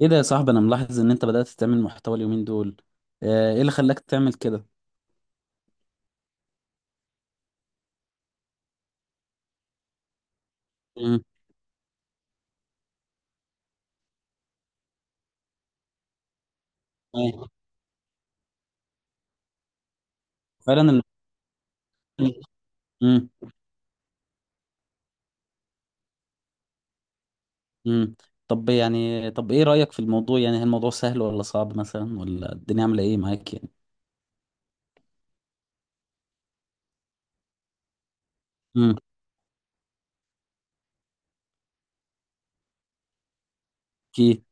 ايه ده يا صاحبي؟ انا ملاحظ ان انت بدأت تعمل محتوى اليومين دول. ايه اللي خلاك تعمل كده؟ امم. أيوة. فعلا امم. امم. طب ايه رأيك في الموضوع؟ يعني هل الموضوع سهل ولا صعب مثلا، ولا الدنيا عاملة ايه معاك يعني؟ امم. اوكي.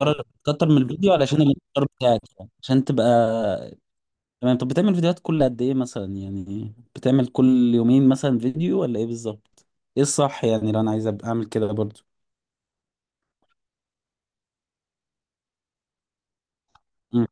قرر تكتر من الفيديو علشان الانتشار بتاعك يعني، عشان تبقى... تمام. طب بتعمل فيديوهات كل قد ايه مثلا؟ يعني بتعمل كل يومين مثلا فيديو، ولا ايه بالظبط؟ ايه الصح يعني لو انا عايز أبقى اعمل كده برضو؟ امم.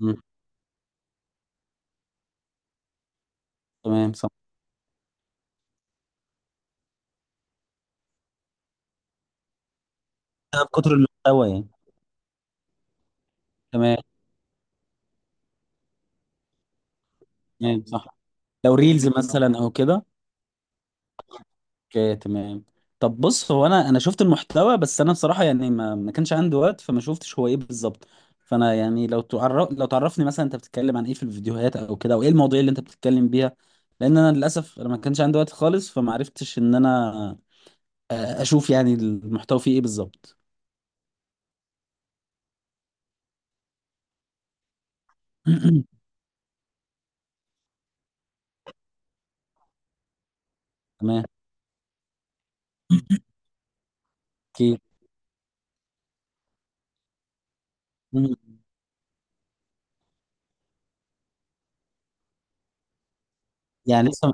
امم. تمام، صح. بكتر المحتوى يعني. تمام تمام، صح. لو ريلز مثلا او كده. اوكي، تمام. طب بص، هو انا شفت المحتوى، بس انا بصراحه يعني ما كانش عندي وقت، فما شفتش هو ايه بالظبط. فانا يعني لو تعرفني مثلا، انت بتتكلم عن ايه في الفيديوهات او كده، او ايه المواضيع اللي انت بتتكلم بيها؟ لان انا للاسف انا ما كانش عندي وقت خالص، فما عرفتش ان انا اشوف يعني المحتوى فيه ايه بالظبط. تمام. اوكي. مم. يعني لسه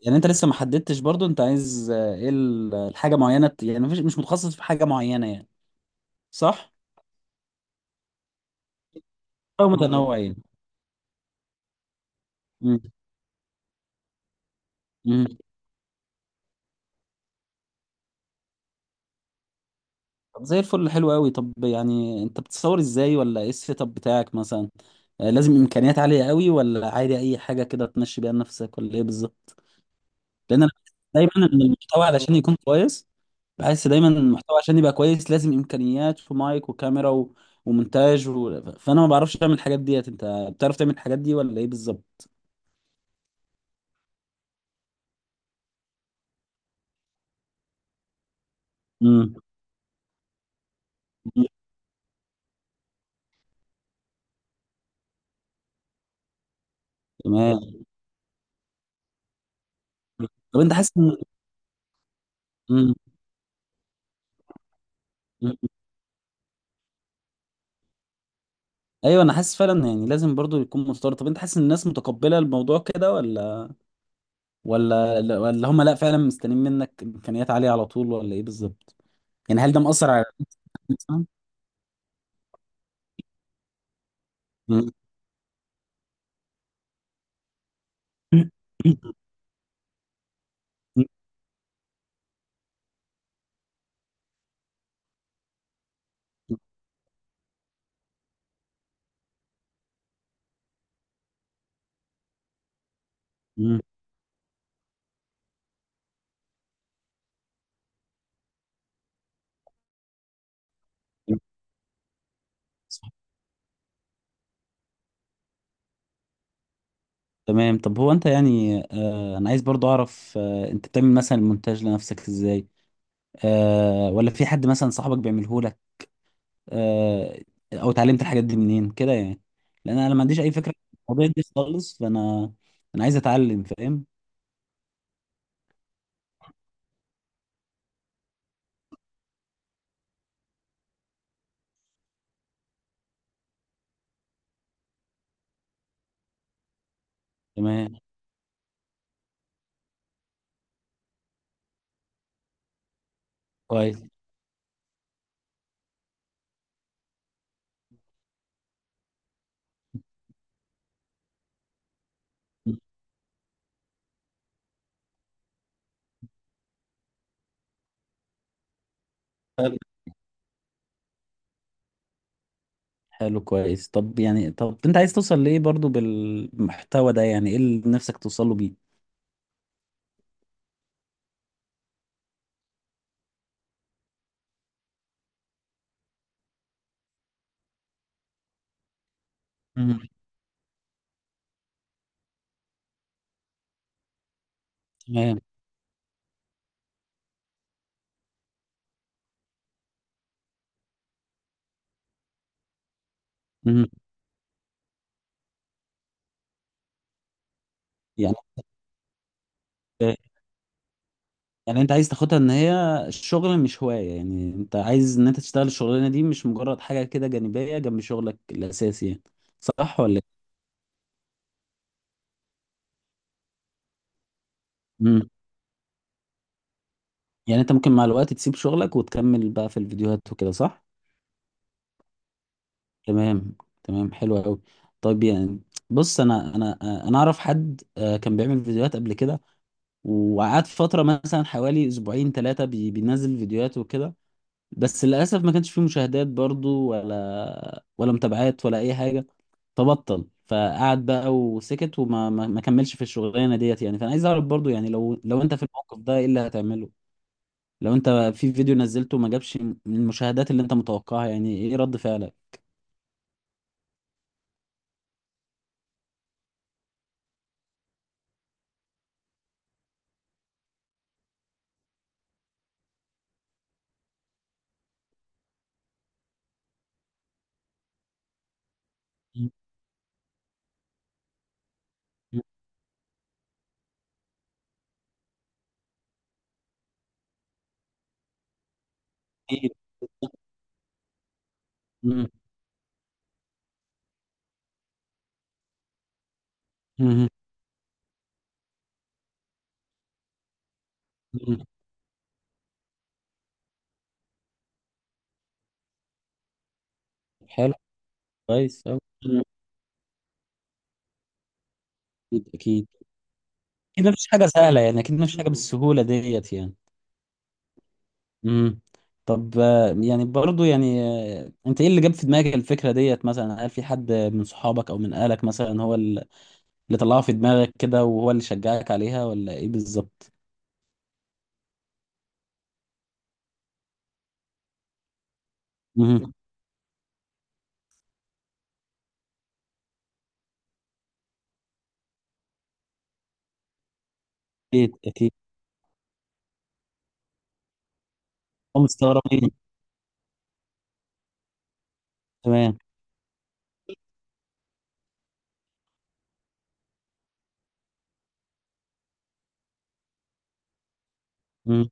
يعني انت لسه ما حددتش برضو؟ انت عايز ايه الحاجه معينه؟ يعني مش متخصص في حاجه معينه يعني؟ صح. أو متنوعين. مم. مم. طب زي الفل، حلو قوي. طب يعني انت بتصور ازاي، ولا ايه السيت اب بتاعك مثلا؟ لازم امكانيات عاليه قوي، ولا عادي اي حاجه كده تمشي بيها نفسك، ولا ايه بالظبط؟ لان انا دايما ان المحتوى علشان يكون كويس، بحس دايما إن المحتوى عشان يبقى كويس لازم امكانيات في مايك وكاميرا ومونتاج فانا ما بعرفش اعمل الحاجات ديت. انت بتعرف تعمل الحاجات دي ولا ايه بالظبط؟ امم. تمام. طب انت حاسس ان... مم. ايوه، انا حاسس فعلا، يعني لازم برضو يكون مستورد. طب انت حاسس ان الناس متقبله الموضوع كده، ولا هم لا، فعلا مستنيين منك امكانيات عاليه على طول، ولا ايه بالظبط؟ يعني هل ده مأثر على مثلاً؟ مم. مم. صح. تمام. طب هو انت يعني انا عايز برضو اعرف، انت بتعمل مثلا المونتاج لنفسك ازاي، ولا في حد مثلا صاحبك بيعمله لك، آه او اتعلمت الحاجات دي منين كده يعني؟ لان انا ما عنديش اي فكره عن الموضوع ده خالص، فانا عايز اتعلم فاهم. تمام. كويس. طب حلو، كويس. طب يعني انت عايز توصل لايه برضو بالمحتوى ده؟ يعني ايه اللي نفسك توصله بيه؟ مم. تمام. مم. يعني يعني انت عايز تاخدها ان هي الشغل مش هواية؟ يعني انت عايز ان انت تشتغل الشغلانة دي مش مجرد حاجة كده جانبية جنب شغلك الاساسي يعني؟ صح ولا ايه؟ مم. يعني انت ممكن مع الوقت تسيب شغلك وتكمل بقى في الفيديوهات وكده، صح؟ تمام. تمام، حلو قوي. طيب يعني، بص انا انا اعرف حد كان بيعمل فيديوهات قبل كده، وقعدت فترة مثلا حوالي أسبوعين ثلاثة بينزل فيديوهات وكده. بس للأسف ما كانش فيه مشاهدات برضو، ولا متابعات ولا أي حاجة. فبطل فقعد بقى وسكت، وما ما ما كملش في الشغلانة ديت يعني. فأنا عايز أعرف برضو، يعني لو أنت في الموقف ده إيه اللي هتعمله؟ لو أنت في فيديو نزلته ما جابش من المشاهدات اللي أنت متوقعها، يعني إيه رد فعلك؟ مم. أكيد. مم. مم. مم. حلو كويس أوي. مم. أكيد أكيد. أكيد مفيش حاجة سهلة يعني، أكيد مفيش حاجة بالسهولة ديت يعني. امم. طب يعني برضو يعني، انت ايه اللي جاب في دماغك الفكره ديت مثلا؟ هل في حد من صحابك او من اهلك مثلا هو اللي طلعها في دماغك كده وهو اللي شجعك عليها، ولا ايه بالظبط؟ امم. اكيد اكيد. هم مستغربين. تمام. امم.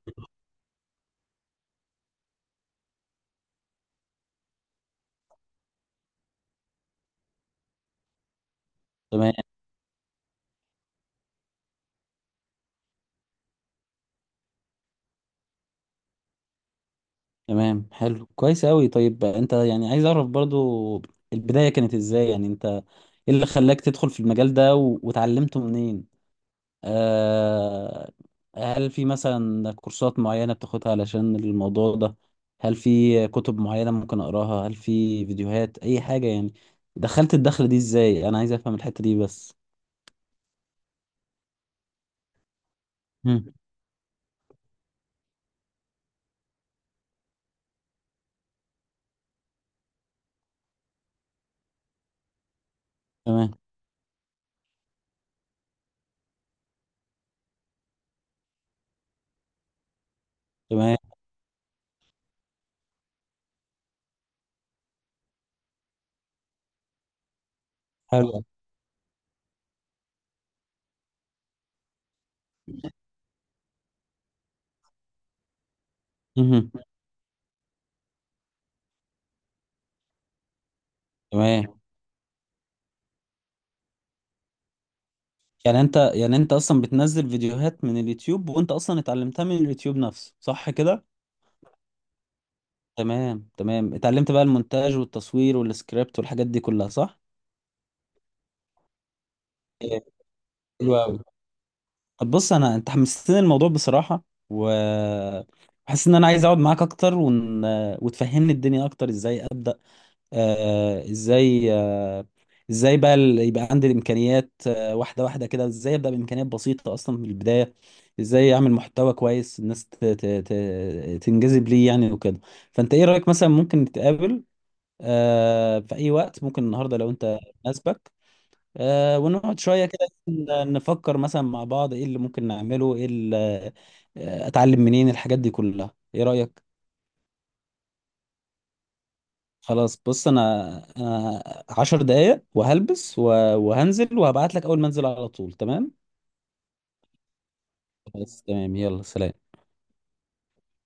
تمام تمام، حلو كويس قوي. طيب، انت يعني عايز اعرف برضو، البدايه كانت ازاي يعني؟ انت ايه اللي خلاك تدخل في المجال ده واتعلمته منين؟ آه، هل في مثلا كورسات معينة بتاخدها علشان الموضوع ده، هل في كتب معينة ممكن أقراها، هل في فيديوهات أي حاجة يعني؟ دخلت الدخلة دي إزاي؟ أنا عايز أفهم الحتة دي بس. مم. تمام. تمام، حلو. مهم. تمام. يعني أنت يعني أنت أصلا بتنزل فيديوهات من اليوتيوب، وأنت أصلا اتعلمتها من اليوتيوب نفسه، صح كده؟ تمام. تمام، اتعلمت بقى المونتاج والتصوير والسكريبت والحاجات دي كلها، صح؟ إيه. حلو أوي. طب بص، انا انت حمستني الموضوع بصراحه، و حاسس ان انا عايز اقعد معاك اكتر وتفهمني الدنيا اكتر ازاي ابدا، ازاي ازاي بقى يبقى عندي الامكانيات واحده واحده كده، ازاي ابدا بامكانيات بسيطه اصلا من البدايه، ازاي اعمل محتوى كويس، الناس تنجذب ليه يعني وكده. فانت ايه رايك، مثلا ممكن نتقابل في اي وقت، ممكن النهارده لو انت مناسبك، ونقعد شوية كده نفكر مثلا مع بعض ايه اللي ممكن نعمله، ايه اللي اتعلم منين الحاجات دي كلها، ايه رأيك؟ خلاص بص انا انا 10 دقايق، وهلبس وهنزل، وهبعت لك اول ما انزل على طول، تمام؟ خلاص تمام، يلا سلام.